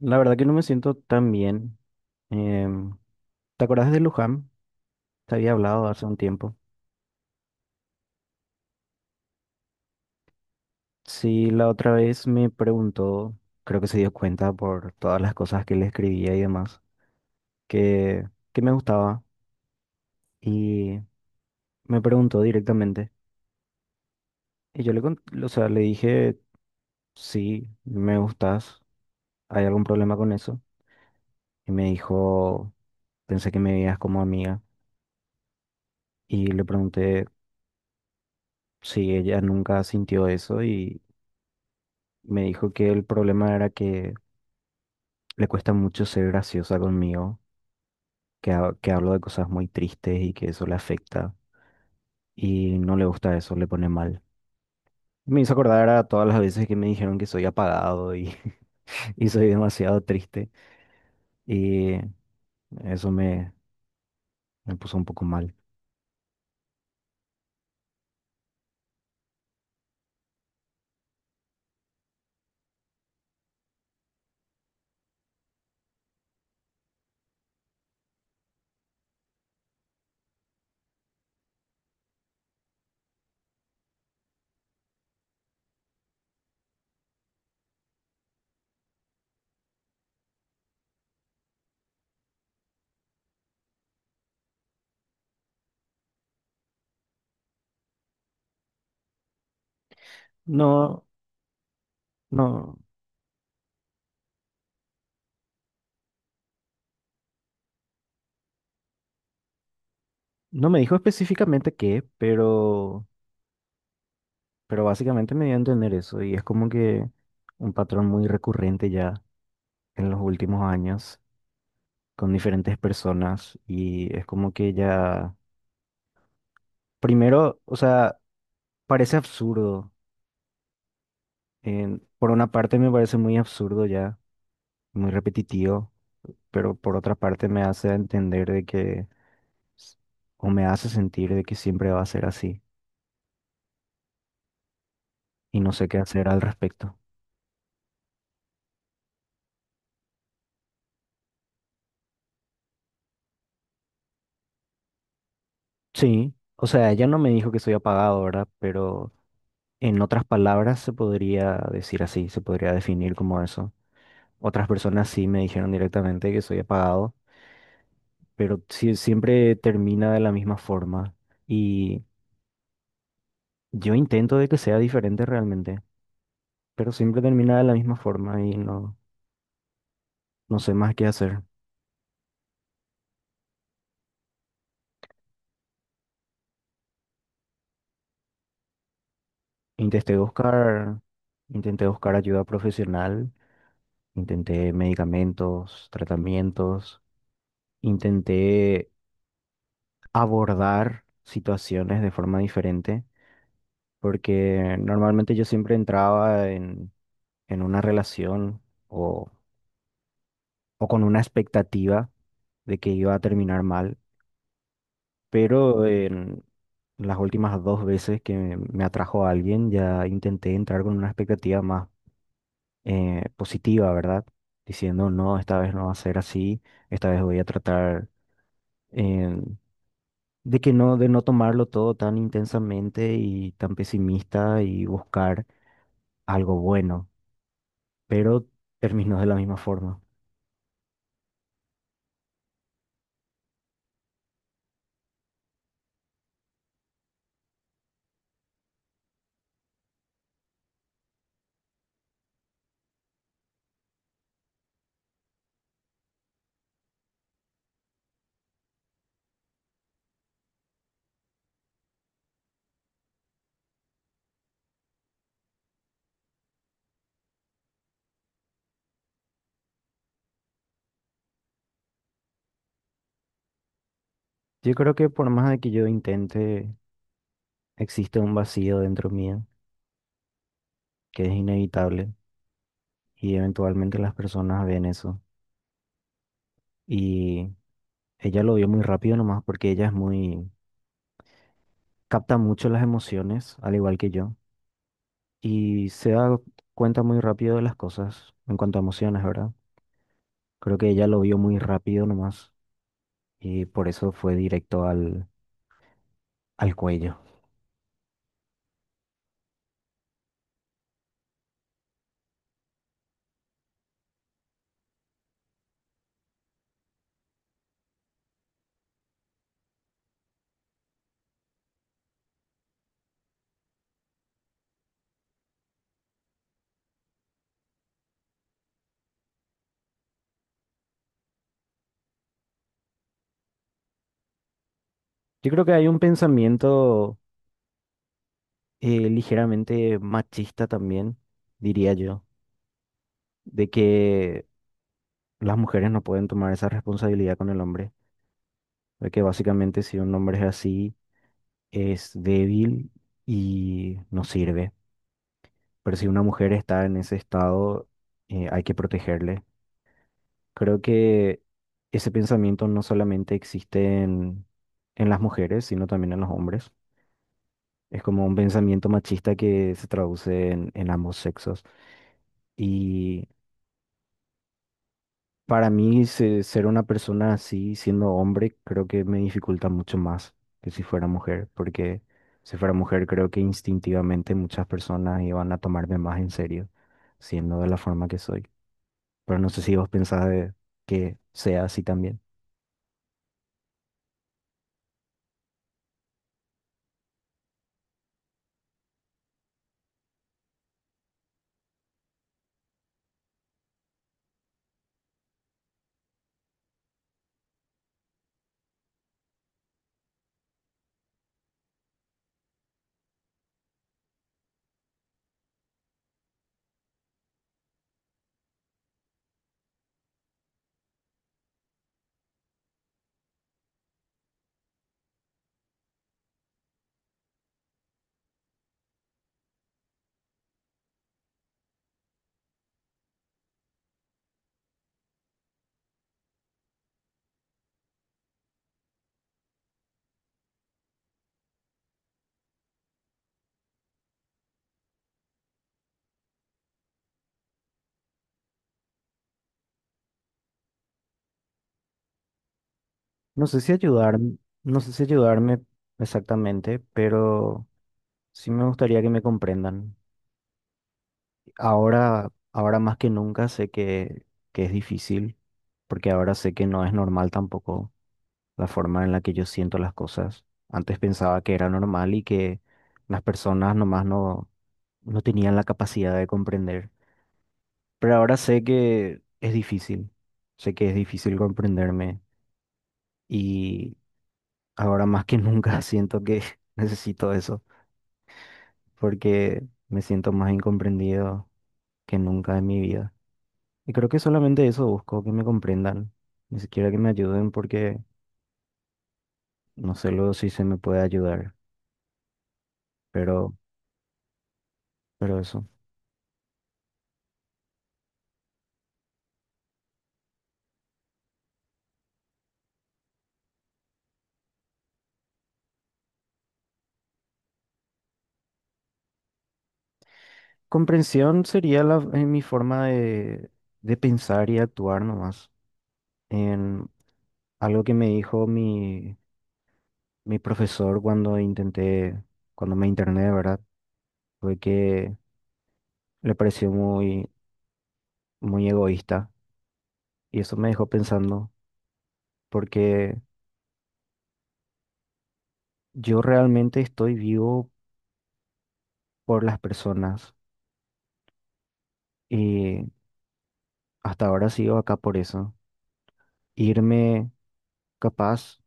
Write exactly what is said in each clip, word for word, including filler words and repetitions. La verdad que no me siento tan bien. Em, ¿Te acordás de Luján? Te había hablado hace un tiempo. Sí, la otra vez me preguntó, creo que se dio cuenta por todas las cosas que le escribía y demás, que, que me gustaba y me preguntó directamente. Y yo le, con- o sea, le dije, sí, me gustas, ¿hay algún problema con eso? Y me dijo, pensé que me veías como amiga. Y le pregunté si ella nunca sintió eso. Me dijo que el problema era que le cuesta mucho ser graciosa conmigo, que, ha- que hablo de cosas muy tristes y que eso le afecta y no le gusta eso, le pone mal. Me hizo acordar a todas las veces que me dijeron que soy apagado y, y soy demasiado triste y eso me, me puso un poco mal. No, no, no me dijo específicamente qué, pero, pero básicamente me dio a entender eso y es como que un patrón muy recurrente ya en los últimos años, con diferentes personas. Y es como que ya, primero, o sea, parece absurdo. En- por una parte me parece muy absurdo ya, muy repetitivo, pero por otra parte me hace entender de que, s- o me hace sentir de que siempre va a ser así y no sé qué hacer al respecto. Sí, o sea, ella no me dijo que soy apagado, ¿verdad? Pero en otras palabras se podría decir así, se podría definir como eso. Otras personas sí me dijeron directamente que soy apagado, pero sí- siempre termina de la misma forma. Y yo intento de que sea diferente realmente, pero siempre termina de la misma forma y no, no sé más qué hacer. Intenté buscar, intenté buscar ayuda profesional, intenté medicamentos, tratamientos, intenté abordar situaciones de forma diferente, porque normalmente yo siempre entraba en, en una relación o o con una expectativa de que iba a terminar mal, pero en las últimas dos veces que me me atrajo a alguien ya intenté entrar con una expectativa más eh, positiva, ¿verdad? Diciendo, no, esta vez no va a ser así, esta vez voy a tratar eh, de que no, de no tomarlo todo tan intensamente y tan pesimista y buscar algo bueno, pero terminó de la misma forma. Yo creo que por más de que yo intente, existe un vacío dentro mío que es inevitable y eventualmente las personas ven eso. Y ella lo vio muy rápido nomás porque ella es muy, capta mucho las emociones, al igual que yo, y se da cuenta muy rápido de las cosas en cuanto a emociones, ¿verdad? Creo que ella lo vio muy rápido nomás y por eso fue directo al, al cuello. Yo creo que hay un pensamiento eh, ligeramente machista también, diría yo, de que las mujeres no pueden tomar esa responsabilidad con el hombre. De que básicamente si un hombre es así, es débil y no sirve. Pero si una mujer está en ese estado, eh, hay que protegerle. Creo que ese pensamiento no solamente existe en, en las mujeres, sino también en los hombres. Es como un pensamiento machista que se traduce en, en ambos sexos. Y Para mí, se- ser una persona así, siendo hombre, creo que me dificulta mucho más que si fuera mujer, porque si fuera mujer, creo que instintivamente muchas personas iban a tomarme más en serio, siendo de la forma que soy. Pero no sé si vos pensás de que sea así también. No sé si ayudar, no sé si ayudarme exactamente, pero sí me gustaría que me comprendan. Ahora, ahora más que nunca sé que, que es difícil, porque ahora sé que no es normal tampoco la forma en la que yo siento las cosas. Antes pensaba que era normal y que las personas nomás no, no tenían la capacidad de comprender. Pero ahora sé que es difícil, sé que es difícil comprenderme y ahora más que nunca siento que necesito eso, porque me siento más incomprendido que nunca en mi vida. Y creo que solamente eso busco, que me comprendan, ni siquiera que me ayuden porque no sé luego si se me puede ayudar, pero, pero eso. Comprensión sería la, eh, mi forma de, de pensar y actuar nomás. En algo que me dijo mi, mi profesor cuando intenté, cuando me interné, ¿verdad? Fue que le pareció muy, muy egoísta y eso me dejó pensando porque yo realmente estoy vivo por las personas y hasta ahora sigo acá por eso. Irme capaz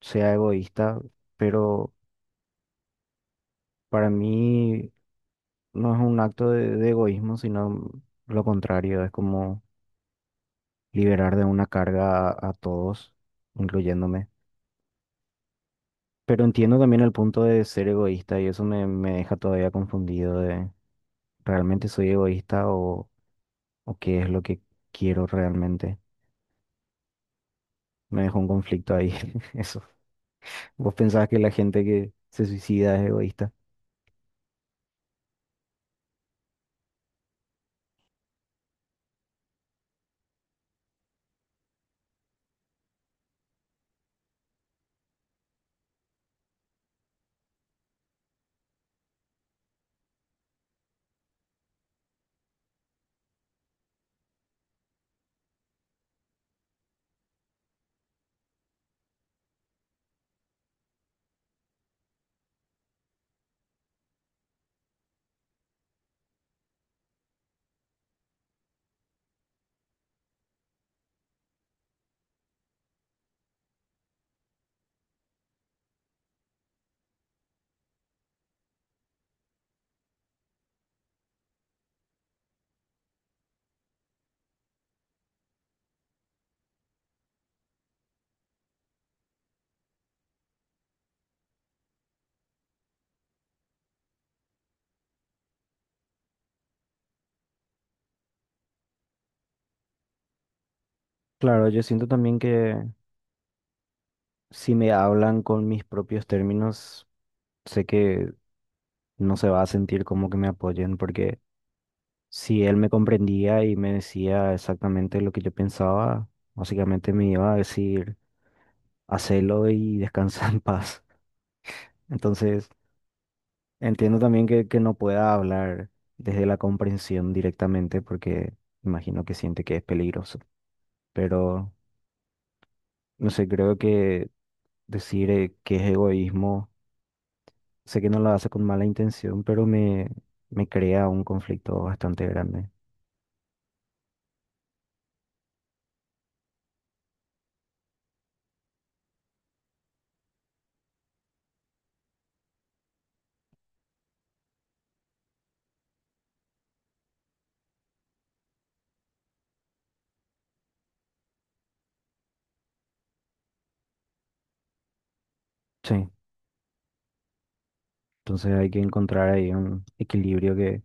sea egoísta, pero para mí no es un acto de, de egoísmo, sino lo contrario, es como liberar de una carga a, a todos, incluyéndome. Pero entiendo también el punto de ser egoísta y eso me, me deja todavía confundido de ¿realmente soy egoísta o, o qué es lo que quiero realmente? Me dejó un conflicto ahí, eso. ¿Vos pensás que la gente que se suicida es egoísta? Claro, yo siento también que si me hablan con mis propios términos, sé que no se va a sentir como que me apoyen porque si él me comprendía y me decía exactamente lo que yo pensaba, básicamente me iba a decir, hacelo y descansa en paz. Entonces, entiendo también que, que no pueda hablar desde la comprensión directamente porque imagino que siente que es peligroso. Pero, no sé, creo que decir eh, que es egoísmo, sé que no lo hace con mala intención, pero me, me crea un conflicto bastante grande. Sí, entonces hay que encontrar ahí un equilibrio que,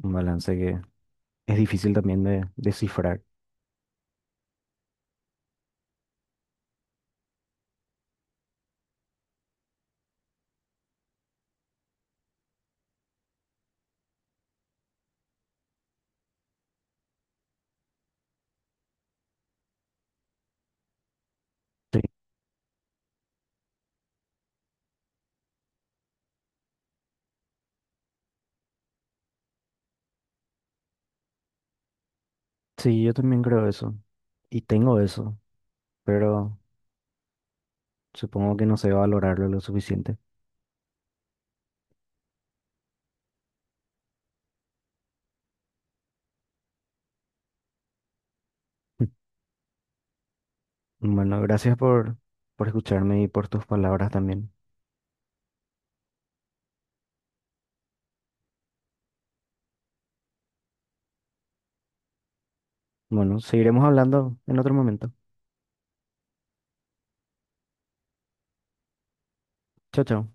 un balance que es difícil también de descifrar. Sí, sí, yo también creo eso. Y tengo eso, pero supongo que no sé valorarlo lo suficiente. Bueno, gracias por, por escucharme y por tus palabras también. Bueno, seguiremos hablando en otro momento. Chao, chao.